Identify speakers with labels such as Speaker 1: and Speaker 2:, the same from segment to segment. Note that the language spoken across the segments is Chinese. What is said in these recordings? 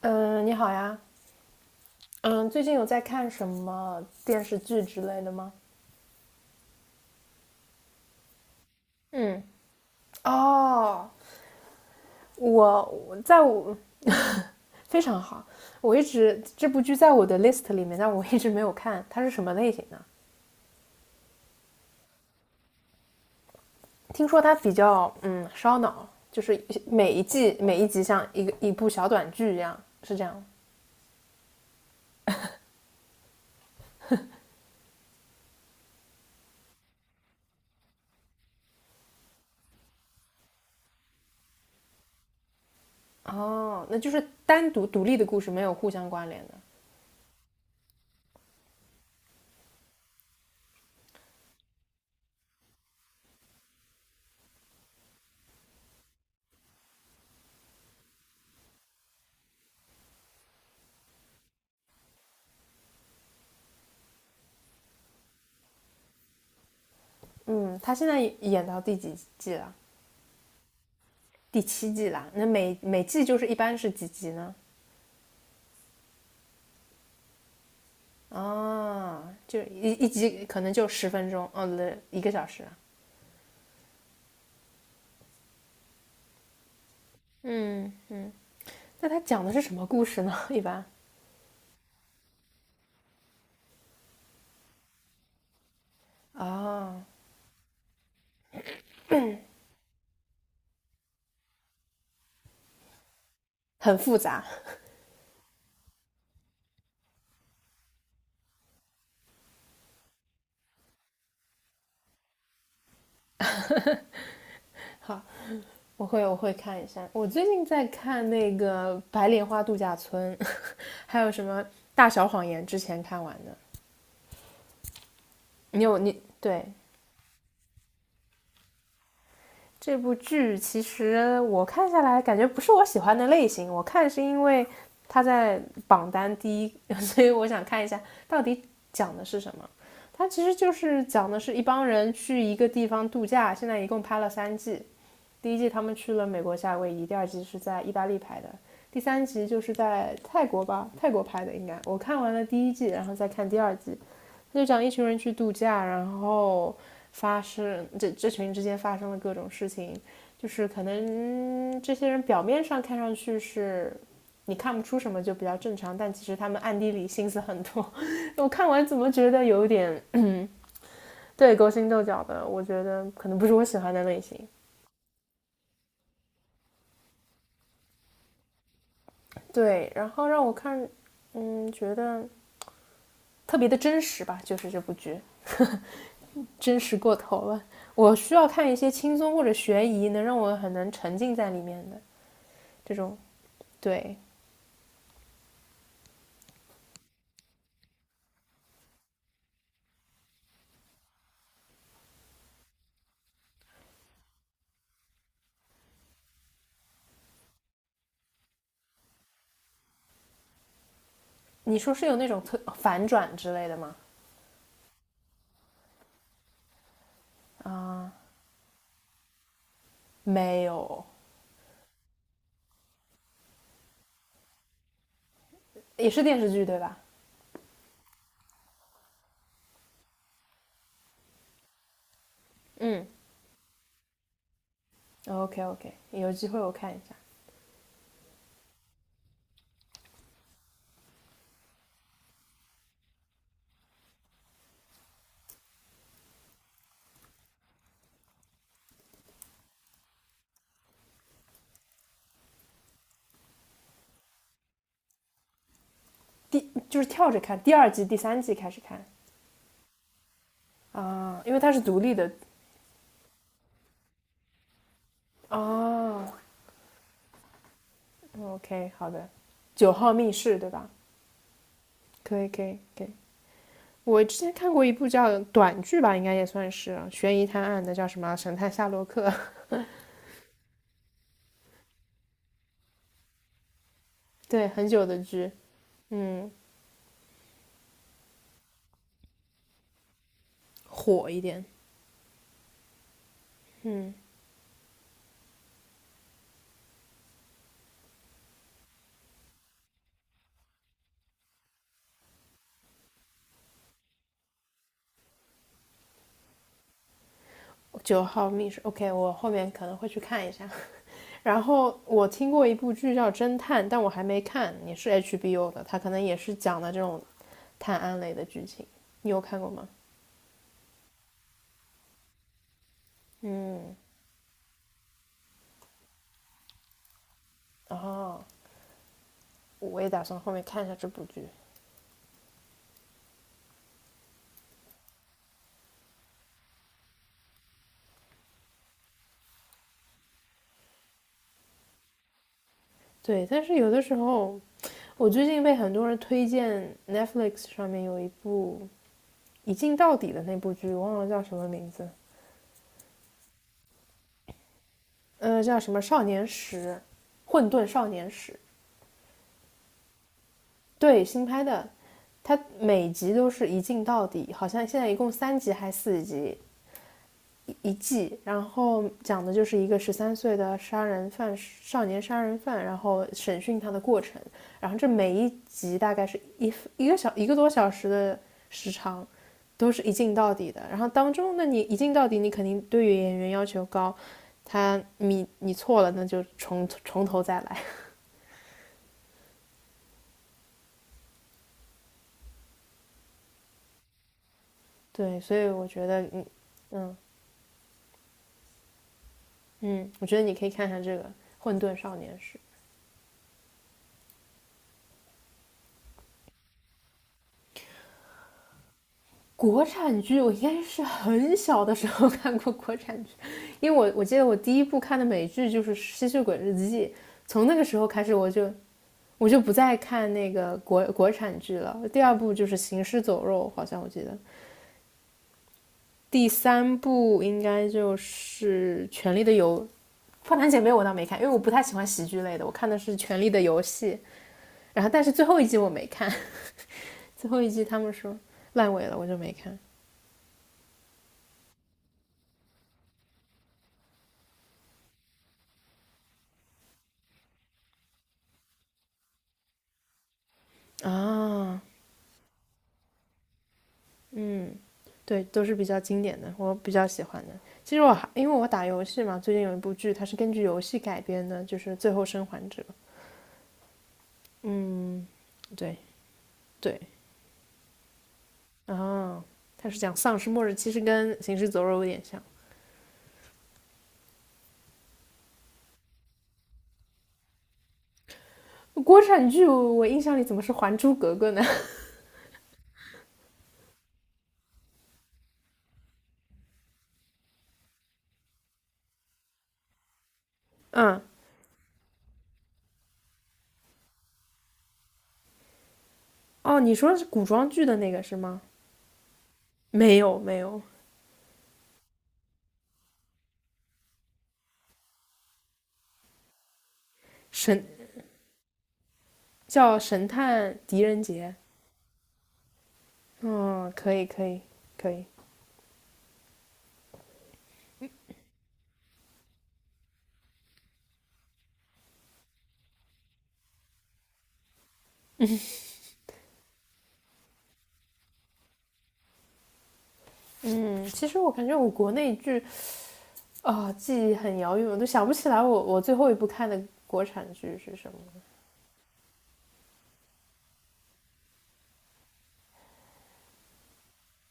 Speaker 1: 嗯，你好呀。嗯，最近有在看什么电视剧之类的吗？嗯，哦，我 非常好，我一直这部剧在我的 list 里面，但我一直没有看。它是什么类型的？听说它比较烧脑，就是每一季每一集像一部小短剧一样，是这样。哦，那就是单独独立的故事，没有互相关联的。嗯，他现在演到第几季了？第七季啦，那每季就是一般是几集呢？啊，就一集可能就10分钟，哦，对，一个小时。嗯，那它讲的是什么故事呢？一般啊，很复杂。好，我会看一下。我最近在看那个《白莲花度假村》，还有什么《大小谎言》，之前看完的。你有你对，这部剧其实我看下来感觉不是我喜欢的类型，我看是因为它在榜单第一，所以我想看一下到底讲的是什么。它其实就是讲的是一帮人去一个地方度假，现在一共拍了三季。第一季他们去了美国夏威夷，第二季是在意大利拍的，第三集就是在泰国吧，泰国拍的应该。我看完了第一季，然后再看第二季。他就讲一群人去度假，然后发生这这群之间发生了各种事情，就是可能这些人表面上看上去是你看不出什么，就比较正常，但其实他们暗地里心思很多。我看完怎么觉得有点 对，勾心斗角的，我觉得可能不是我喜欢的类型。对，然后让我看，嗯，觉得特别的真实吧，就是这部剧。真实过头了。我需要看一些轻松或者悬疑，能让我很能沉浸在里面的这种。对，你说是有那种特反转之类的吗？没有，也是电视剧对吧？嗯，OK OK，有机会我看一下。就是跳着看，第二季、第三季开始看。啊，因为它是独立的啊。OK，好的。九号密室对吧？可以可以可以。我之前看过一部叫短剧吧，应该也算是悬疑探案的，叫什么啊《神探夏洛克》。对，很久的剧，嗯，火一点。九号密室，OK，我后面可能会去看一下。然后我听过一部剧叫《侦探》，但我还没看，也是 HBO 的，它可能也是讲的这种探案类的剧情。你有看过吗？嗯，然后我也打算后面看一下这部剧。对，但是有的时候，我最近被很多人推荐 Netflix 上面有一部一镜到底的那部剧，忘了叫什么名字，叫什么《少年时》，《混沌少年时》，对，新拍的，它每集都是一镜到底，好像现在一共三集还是四集，一季，然后讲的就是一个13岁的杀人犯，少年杀人犯，然后审讯他的过程。然后这每一集大概是一个多小时的时长，都是一镜到底的。然后当中，那你一镜到底，你肯定对于演员要求高，他你错了，那就从头再来。对，所以我觉得，嗯嗯嗯，我觉得你可以看看这个《混沌少年时》。国产剧我应该是很小的时候 看过国产剧，因为我记得我第一部看的美剧就是《吸血鬼日记》，从那个时候开始我就不再看那个国产剧了。第二部就是《行尸走肉》，好像我记得，第三部应该就是《权力的游》，《花篮姐妹》我倒没看，因为我不太喜欢喜剧类的，我看的是《权力的游戏》，然后但是最后一季我没看，最后一季他们说烂尾了，我就没看啊，嗯。对，都是比较经典的，我比较喜欢的。其实我还因为我打游戏嘛，最近有一部剧，它是根据游戏改编的，就是《最后生还者》。对，对，啊，它是讲丧尸末日，其实跟《行尸走肉》有点像。国产剧我印象里怎么是《还珠格格》呢？嗯，哦，你说的是古装剧的那个是吗？没有，没有，神叫神探狄仁杰。嗯，可以，可以，可以。嗯，其实我感觉我国内剧啊，记忆很遥远，我都想不起来我最后一部看的国产剧是什么。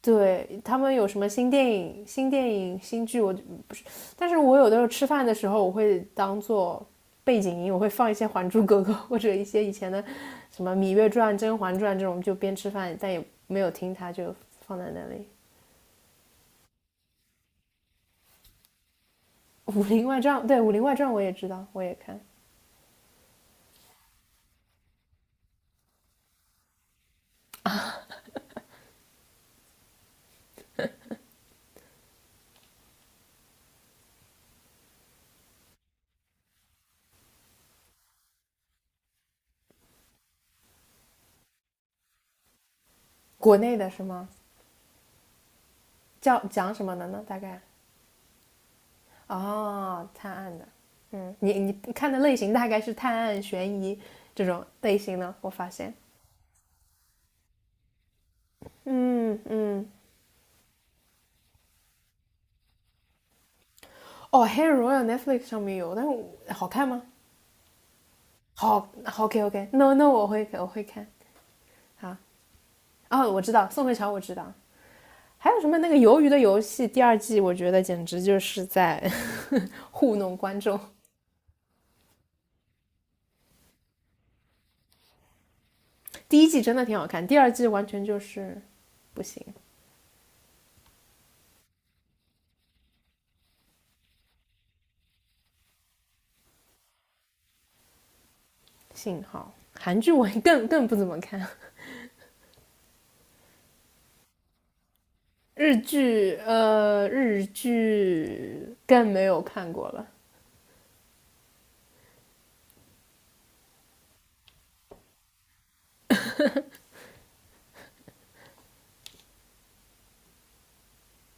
Speaker 1: 对他们有什么新电影、新剧，我但是我有的时候吃饭的时候，我会当做背景音，我会放一些《还珠格格》或者一些以前的什么《芈月传》《甄嬛传》这种，就边吃饭，但也没有听它，就放在那里。《武林外传》对，《武林外传》我也知道，我也看。国内的是吗？讲什么的呢？大概哦，探案的。嗯，你看的类型大概是探案、悬疑这种类型呢？我发现。嗯嗯，哦，《黑人荣耀》Netflix 上面有，但是好看吗？好，OK OK，no no 我会看。好，哦，我知道，宋慧乔我知道。还有什么那个《鱿鱼的游戏》第二季，我觉得简直就是在 糊弄观众。第一季真的挺好看，第二季完全就是不行。幸好韩剧我更不怎么看。日剧更没有看过了。